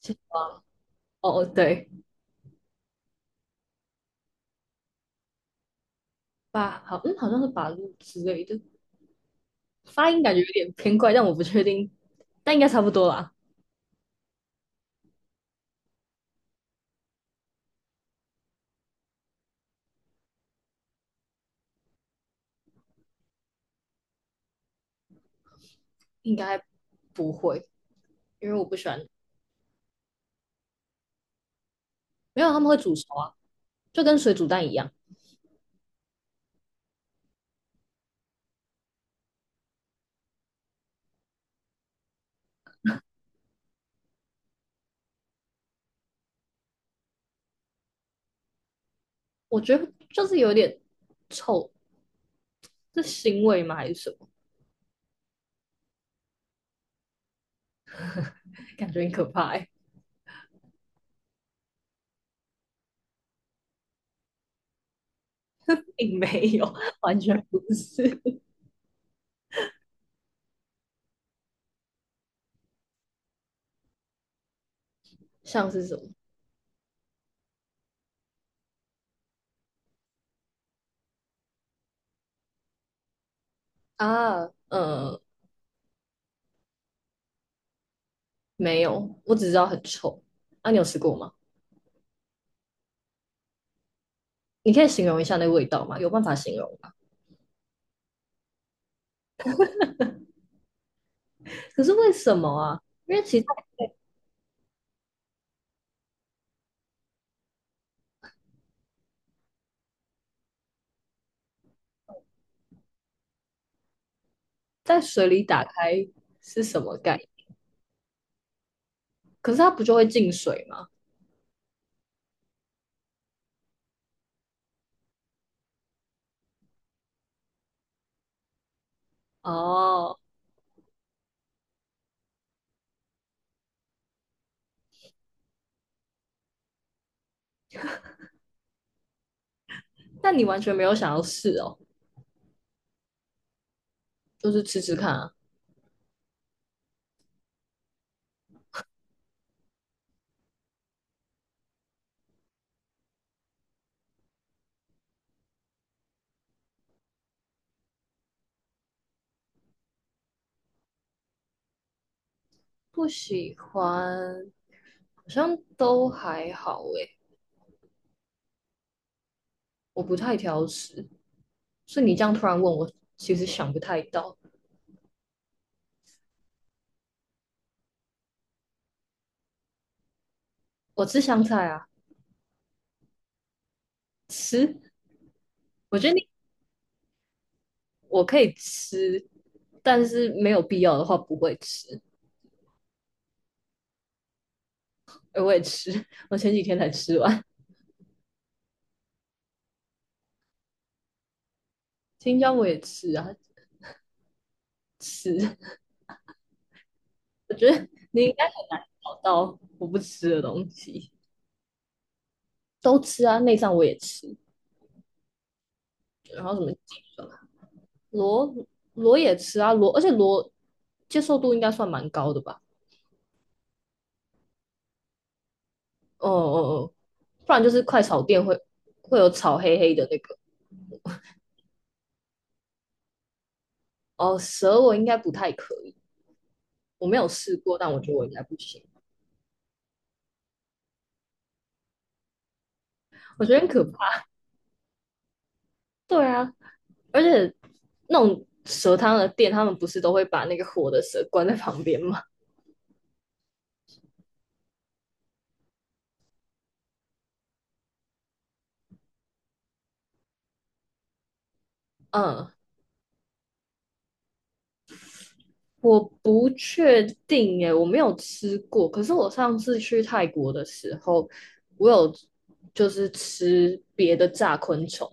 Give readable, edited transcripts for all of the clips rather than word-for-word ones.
金瓜。哦哦，对。八好，嗯，好像是八路之类的。发音感觉有点偏怪，但我不确定，但应该差不多啦。应该不会，因为我不喜欢。没有，他们会煮熟啊，就跟水煮蛋一样。我觉得就是有点臭，是腥味吗还是什么？感觉很可怕，欸。并没有，完全不是。像是什么啊？没有，我只知道很臭。啊，你有吃过吗？你可以形容一下那味道吗？有办法形容吗？可是为什么啊？因为其在水里打开是什么概念？可是它不就会进水吗？哦，那你完全没有想要试哦，就是吃吃看啊。不喜欢，好像都还好诶。我不太挑食，所以你这样突然问我，其实想不太到。我吃香菜啊。吃。我觉得你我可以吃，但是没有必要的话不会吃。哎，我也吃，我前几天才吃完。青椒我也吃啊。吃。你应该很难找到我不吃的东西，都吃啊，内脏我也吃，然后什么鸡粉啊，螺螺也吃啊，而且螺接受度应该算蛮高的吧？哦哦哦，不然就是快炒店会有炒黑黑的那个。哦，蛇我应该不太可以，我没有试过，但我觉得我应该不行，我觉得很可怕。对啊，而且那种蛇汤的店，他们不是都会把那个活的蛇关在旁边吗？嗯，我不确定耶，我没有吃过。可是我上次去泰国的时候，我有就是吃别的炸昆虫，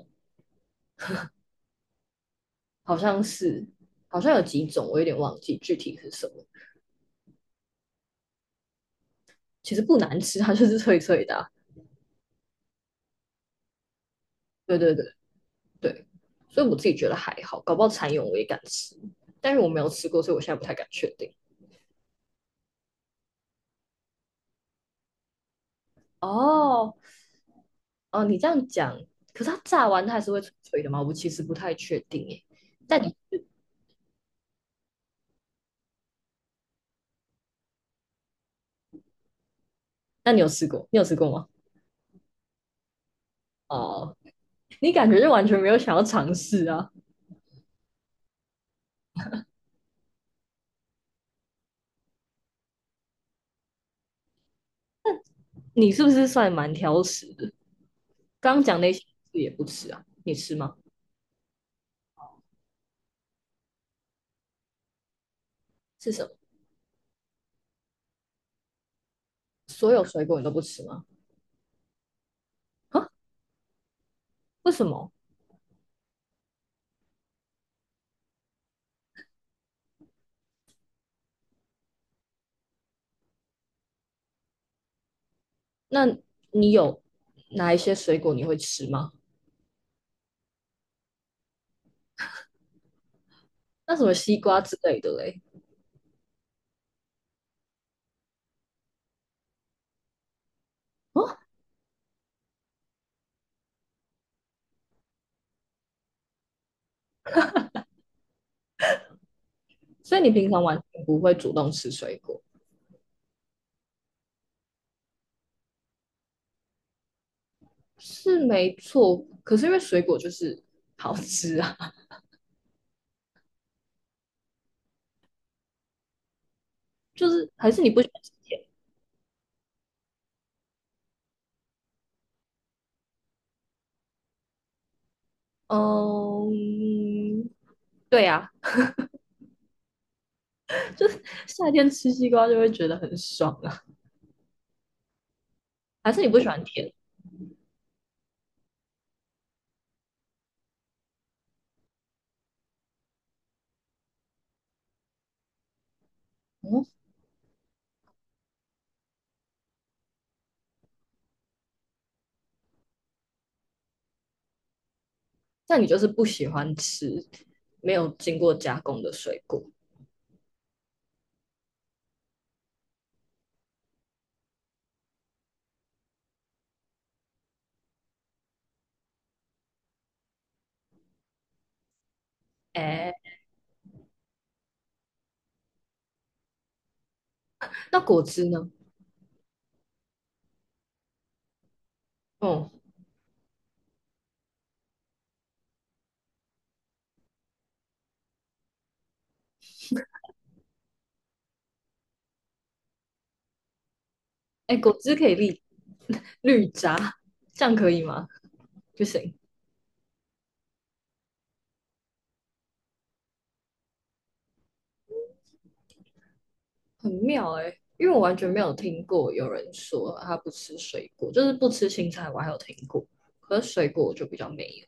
好像是好像有几种，我有点忘记具体是什么。其实不难吃啊，它就是脆脆的啊。对对对对，所以我自己觉得还好，搞不好蚕蛹我也敢吃，但是我没有吃过，所以我现在不太敢确定。哦哦，你这样讲，可是它炸完它还是会脆脆的吗？我其实不太确定耶。但你那你有吃过？你有吃过吗？哦，你感觉就完全没有想要尝试啊？你是不是算蛮挑食的？刚刚讲那些你也不吃啊？你吃吗？是什么？所有水果你都不吃吗？啊？为什么？那你有哪一些水果你会吃吗？那什么西瓜之类的嘞？哦，所以你平常完全不会主动吃水果，是没错。可是因为水果就是好吃啊，就是还是你不喜欢吃甜。嗯，对呀，夏天吃西瓜就会觉得很爽啊。还是你不喜欢甜？嗯，那你就是不喜欢吃没有经过加工的水果。哎，那果汁呢？哦，哎，果汁可以绿榨，这样可以吗？不行，很妙哎，因为我完全没有听过有人说他不吃水果，就是不吃青菜，我还有听过，可是水果我就比较没有。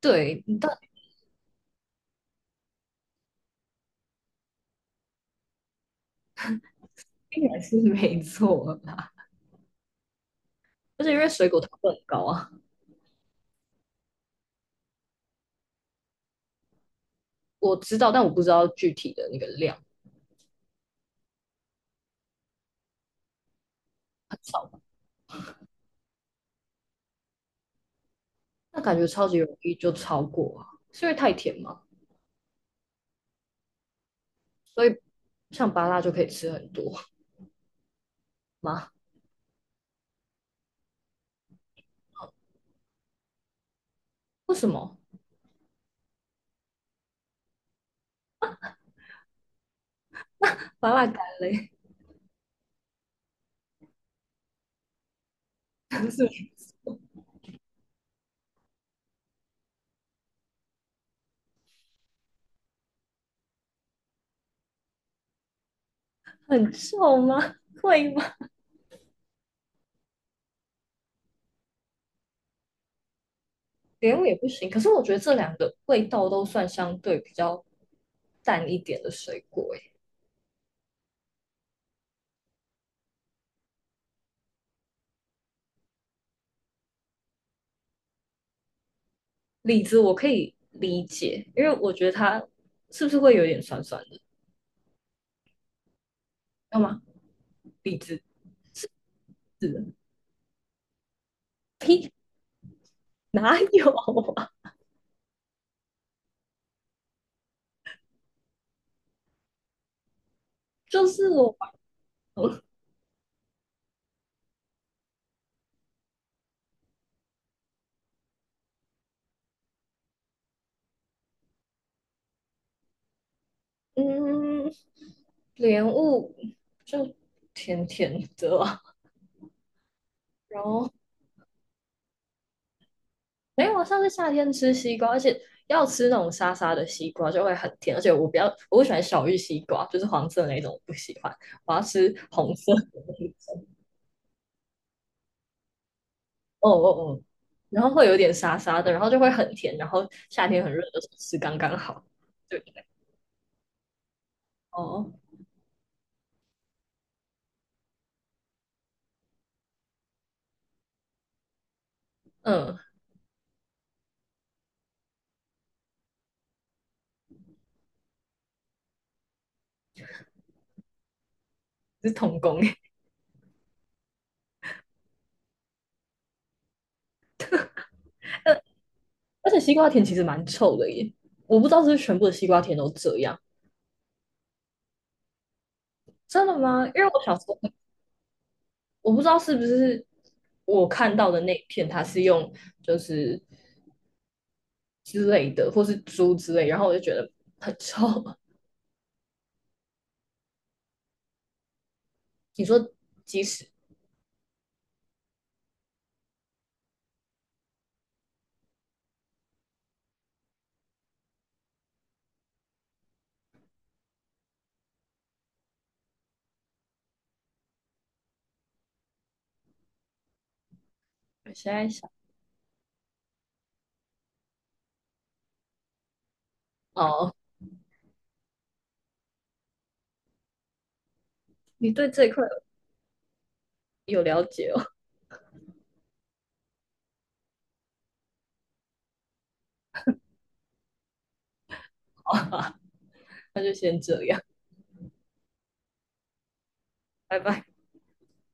对，应该是没错啦，就是因为水果糖分很高啊。我知道，但我不知道具体的那个量，很少。那感觉超级容易就超过啊，是因为太甜吗？所以像芭乐就可以吃很多吗？为什么芭乐干嘞？不是很臭吗？会吗？莲雾也不行。可是我觉得这两个味道都算相对比较淡一点的水果欸，诶，李子我可以理解，因为我觉得它是不是会有点酸酸的？要吗？李子是的，呸，哪有啊。 就是我把嗯，莲雾就甜甜的啊。然后没有啊，上次夏天吃西瓜，而且要吃那种沙沙的西瓜就会很甜，而且我比较我不喜欢小玉西瓜，就是黄色那种我不喜欢，我要吃红色的那种。哦哦哦，然后会有点沙沙的，然后就会很甜，然后夏天很热的时候吃刚刚好。对，哦，嗯，是童工耶。而且西瓜甜其实蛮臭的耶，我不知道是不是全部的西瓜甜都这样。真的吗？因为我小时候我不知道是不是我看到的那一片，它是用就是之类的，或是猪之类，然后我就觉得很臭。你说即使我现在想哦，你对这一块有了解哦。那就先这样，拜拜。